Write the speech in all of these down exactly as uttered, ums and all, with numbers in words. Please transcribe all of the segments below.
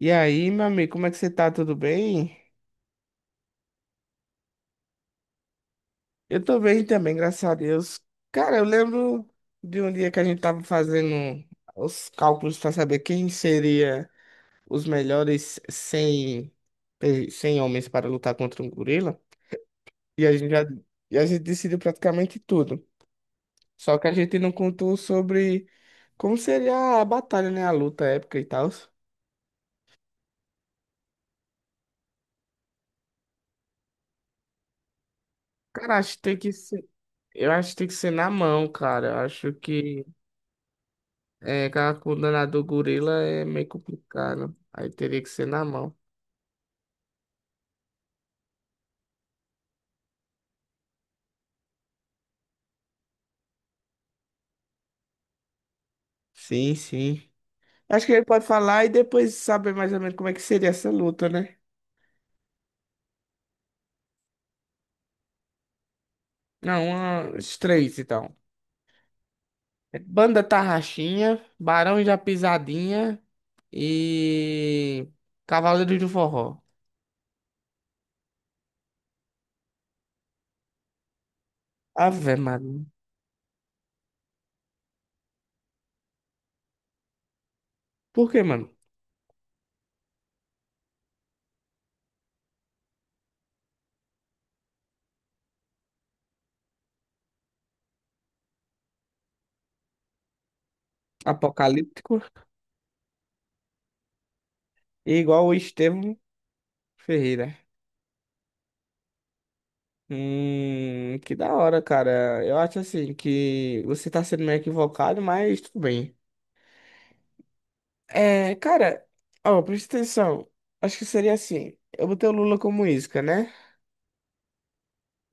E aí, meu amigo, como é que você tá? Tudo bem? Eu tô bem também, graças a Deus. Cara, eu lembro de um dia que a gente tava fazendo os cálculos pra saber quem seria os melhores cem, pe- cem homens para lutar contra um gorila. E a gente já, e a gente decidiu praticamente tudo. Só que a gente não contou sobre como seria a batalha, né? A luta épica e tal. Cara, acho que tem que ser, eu acho que tem que ser na mão, cara. Eu acho que É, aquela coluna do gorila é meio complicado. Aí teria que ser na mão. Sim, sim. Acho que ele pode falar e depois saber mais ou menos como é que seria essa luta, né? Não, uma- os três, então. Banda Tarraxinha, Barões da Pisadinha e Cavaleiros do Forró. Ave, mano. Por que, mano? Apocalíptico e igual o Estevão Ferreira. Hum, que da hora, cara. Eu acho assim que você tá sendo meio equivocado, mas tudo bem. É, cara, ó, presta atenção. Acho que seria assim. Eu botei o Lula como isca, né?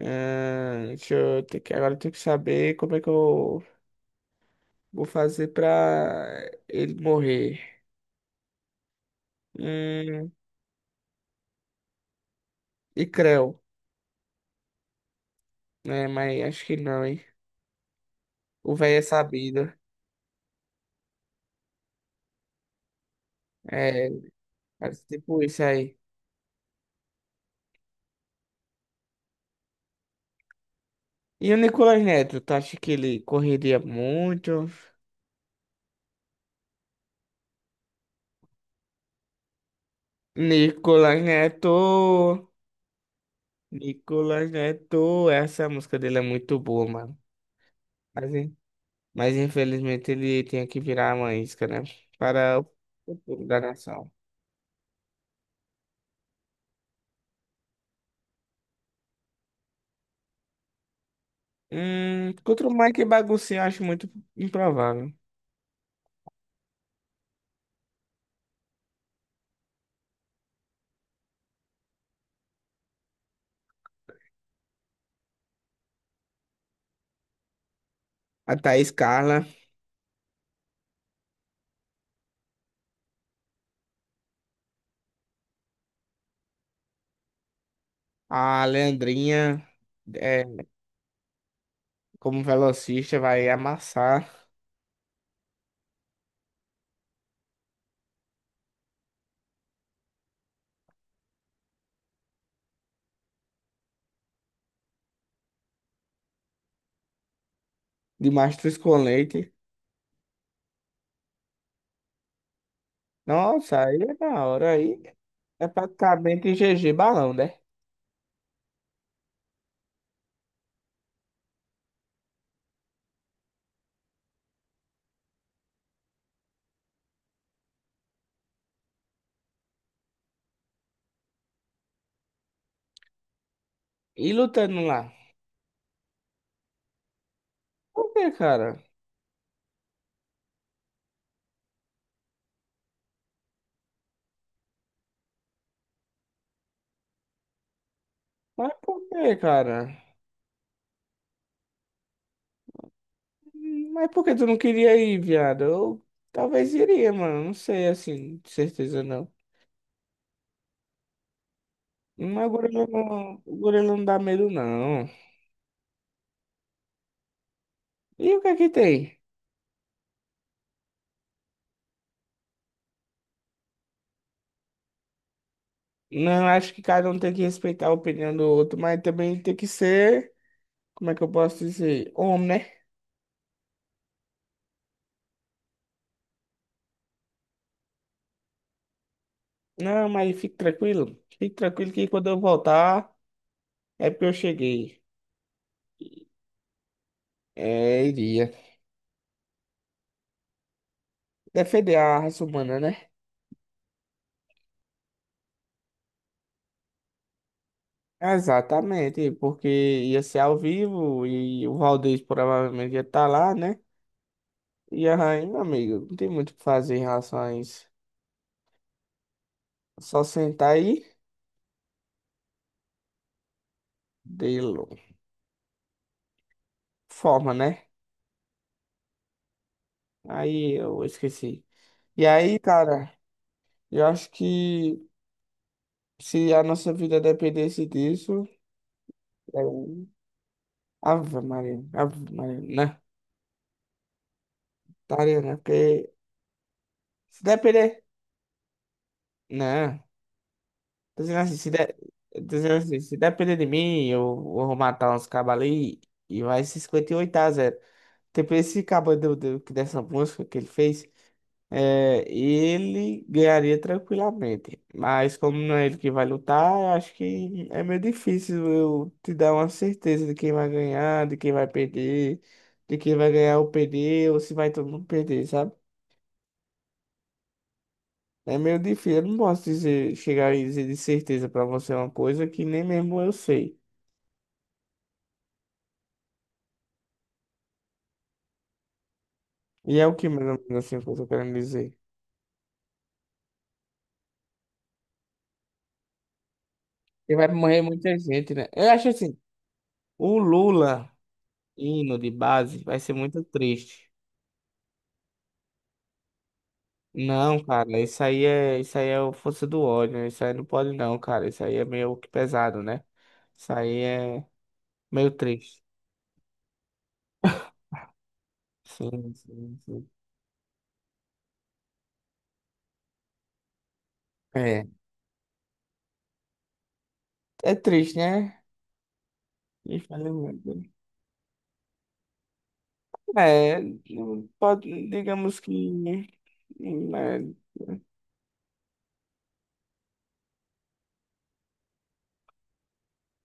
Ah, deixa eu ter que, agora eu tenho que saber como é que eu vou fazer pra ele morrer. Hum, e creu, né? Mas acho que não, hein? O velho é sabido. É, mas tipo isso aí. E o Nicolas Neto, tu acha que ele correria muito? Nicolas Neto, Nicolas Neto, essa música dele é muito boa, mano. Mas, in- mas infelizmente ele tinha que virar uma isca, né? Para o futuro da nação. Hum, contra o Mike Baguncinho, eu acho muito improvável. A Thaís Carla, a Leandrinha, é, como velocista, vai amassar de mastruz com leite. Nossa, aí é da hora, aí é praticamente G G balão, né? E lutando lá. Por que, cara? Mas por quê, cara? Mas por que tu não queria ir, viado? Eu talvez iria, mano. Não sei, assim, de certeza não. Mas o gorila não, gorila não dá medo, não. E o que é que tem? Não, acho que cada um tem que respeitar a opinião do outro, mas também tem que ser, como é que eu posso dizer? Homem, né? Não, mas fique tranquilo. Fique tranquilo que quando eu voltar, é porque eu cheguei. É, iria. Defender a raça humana, né? Exatamente, porque ia ser ao vivo e o Valdez provavelmente ia estar lá, né? E aí, meu amigo, não tem muito o que fazer em relação a isso. Só sentar aí, de forma, né? Aí eu esqueci. E aí, cara, eu acho que se a nossa vida dependesse disso, eu... Ave Maria, Ave Maria, né? Estaria, né? Porque se depender, né? Tô dizendo assim, se, der, tô dizendo assim, se depender de mim, eu vou matar uns cabos ali e vai ser cinquenta e oito a zero. Tipo, esse cabo do, do, dessa música que ele fez, é, ele ganharia tranquilamente. Mas como não é ele que vai lutar, eu acho que é meio difícil eu te dar uma certeza de quem vai ganhar, de quem vai perder, de quem vai ganhar ou perder, ou se vai todo mundo perder, sabe? É meio difícil, eu não posso dizer, chegar e dizer de certeza pra você uma coisa que nem mesmo eu sei. E é o que, mais ou menos, assim, que eu tô querendo dizer. Porque vai morrer muita gente, né? Eu acho assim, o Lula indo de base vai ser muito triste. Não, cara, isso aí é, isso aí é o força do ódio, né? Isso aí não pode não, cara, isso aí é meio que pesado, né? Isso aí é meio triste. Sim, sim, sim. É, é triste, né? Infelizmente. É, não pode, digamos que, né.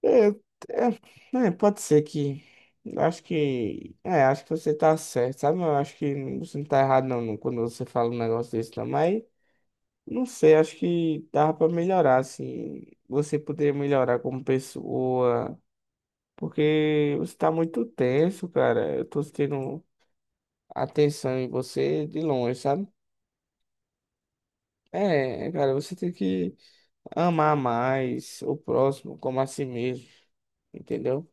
É, é, é, pode ser que. Acho que. É, acho que você tá certo, sabe? Eu acho que você não tá errado, não, não, quando você fala um negócio desse, não. Mas, não sei, acho que dava pra melhorar, assim. Você poderia melhorar como pessoa. Porque você tá muito tenso, cara. Eu tô tendo atenção em você de longe, sabe? É, cara, você tem que amar mais o próximo, como a si mesmo, entendeu?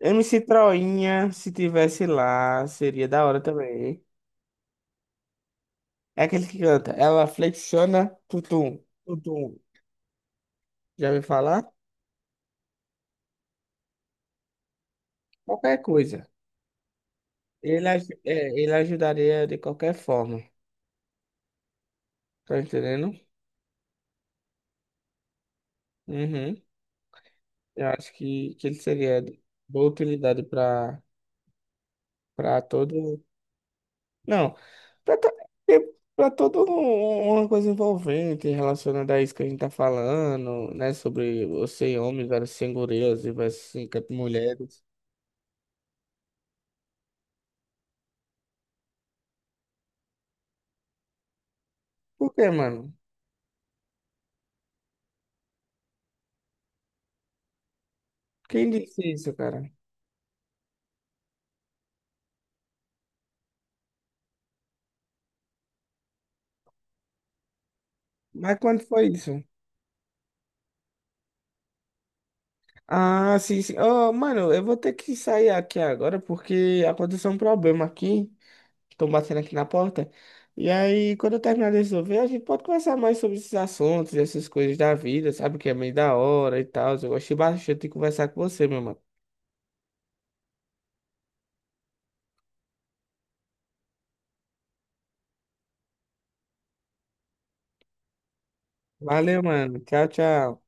M C Troinha, se tivesse lá, seria da hora também. É aquele que canta. Ela flexiona, tutum, tutum. Já ouviu falar? Qualquer coisa. Ele, aj- é, ele ajudaria de qualquer forma. Tá entendendo? Uhum. Eu acho que, que ele seria de boa utilidade para para todo. Não, pra, to- pra todo um- um, uma coisa envolvente relacionada a isso que a gente tá falando, né? Sobre você e homem versus sem gorilas e versus sem cat- mulheres. Por que, mano? Quem disse isso, cara? Mas quando foi isso? Ah, sim, sim. Oh, mano, eu vou ter que sair aqui agora porque aconteceu um problema aqui. Estão batendo aqui na porta. E aí, quando eu terminar de resolver, a gente pode conversar mais sobre esses assuntos, essas coisas da vida, sabe? Que é meio da hora e tal. Eu gostei bastante de conversar com você, meu mano. Valeu, mano. Tchau, tchau.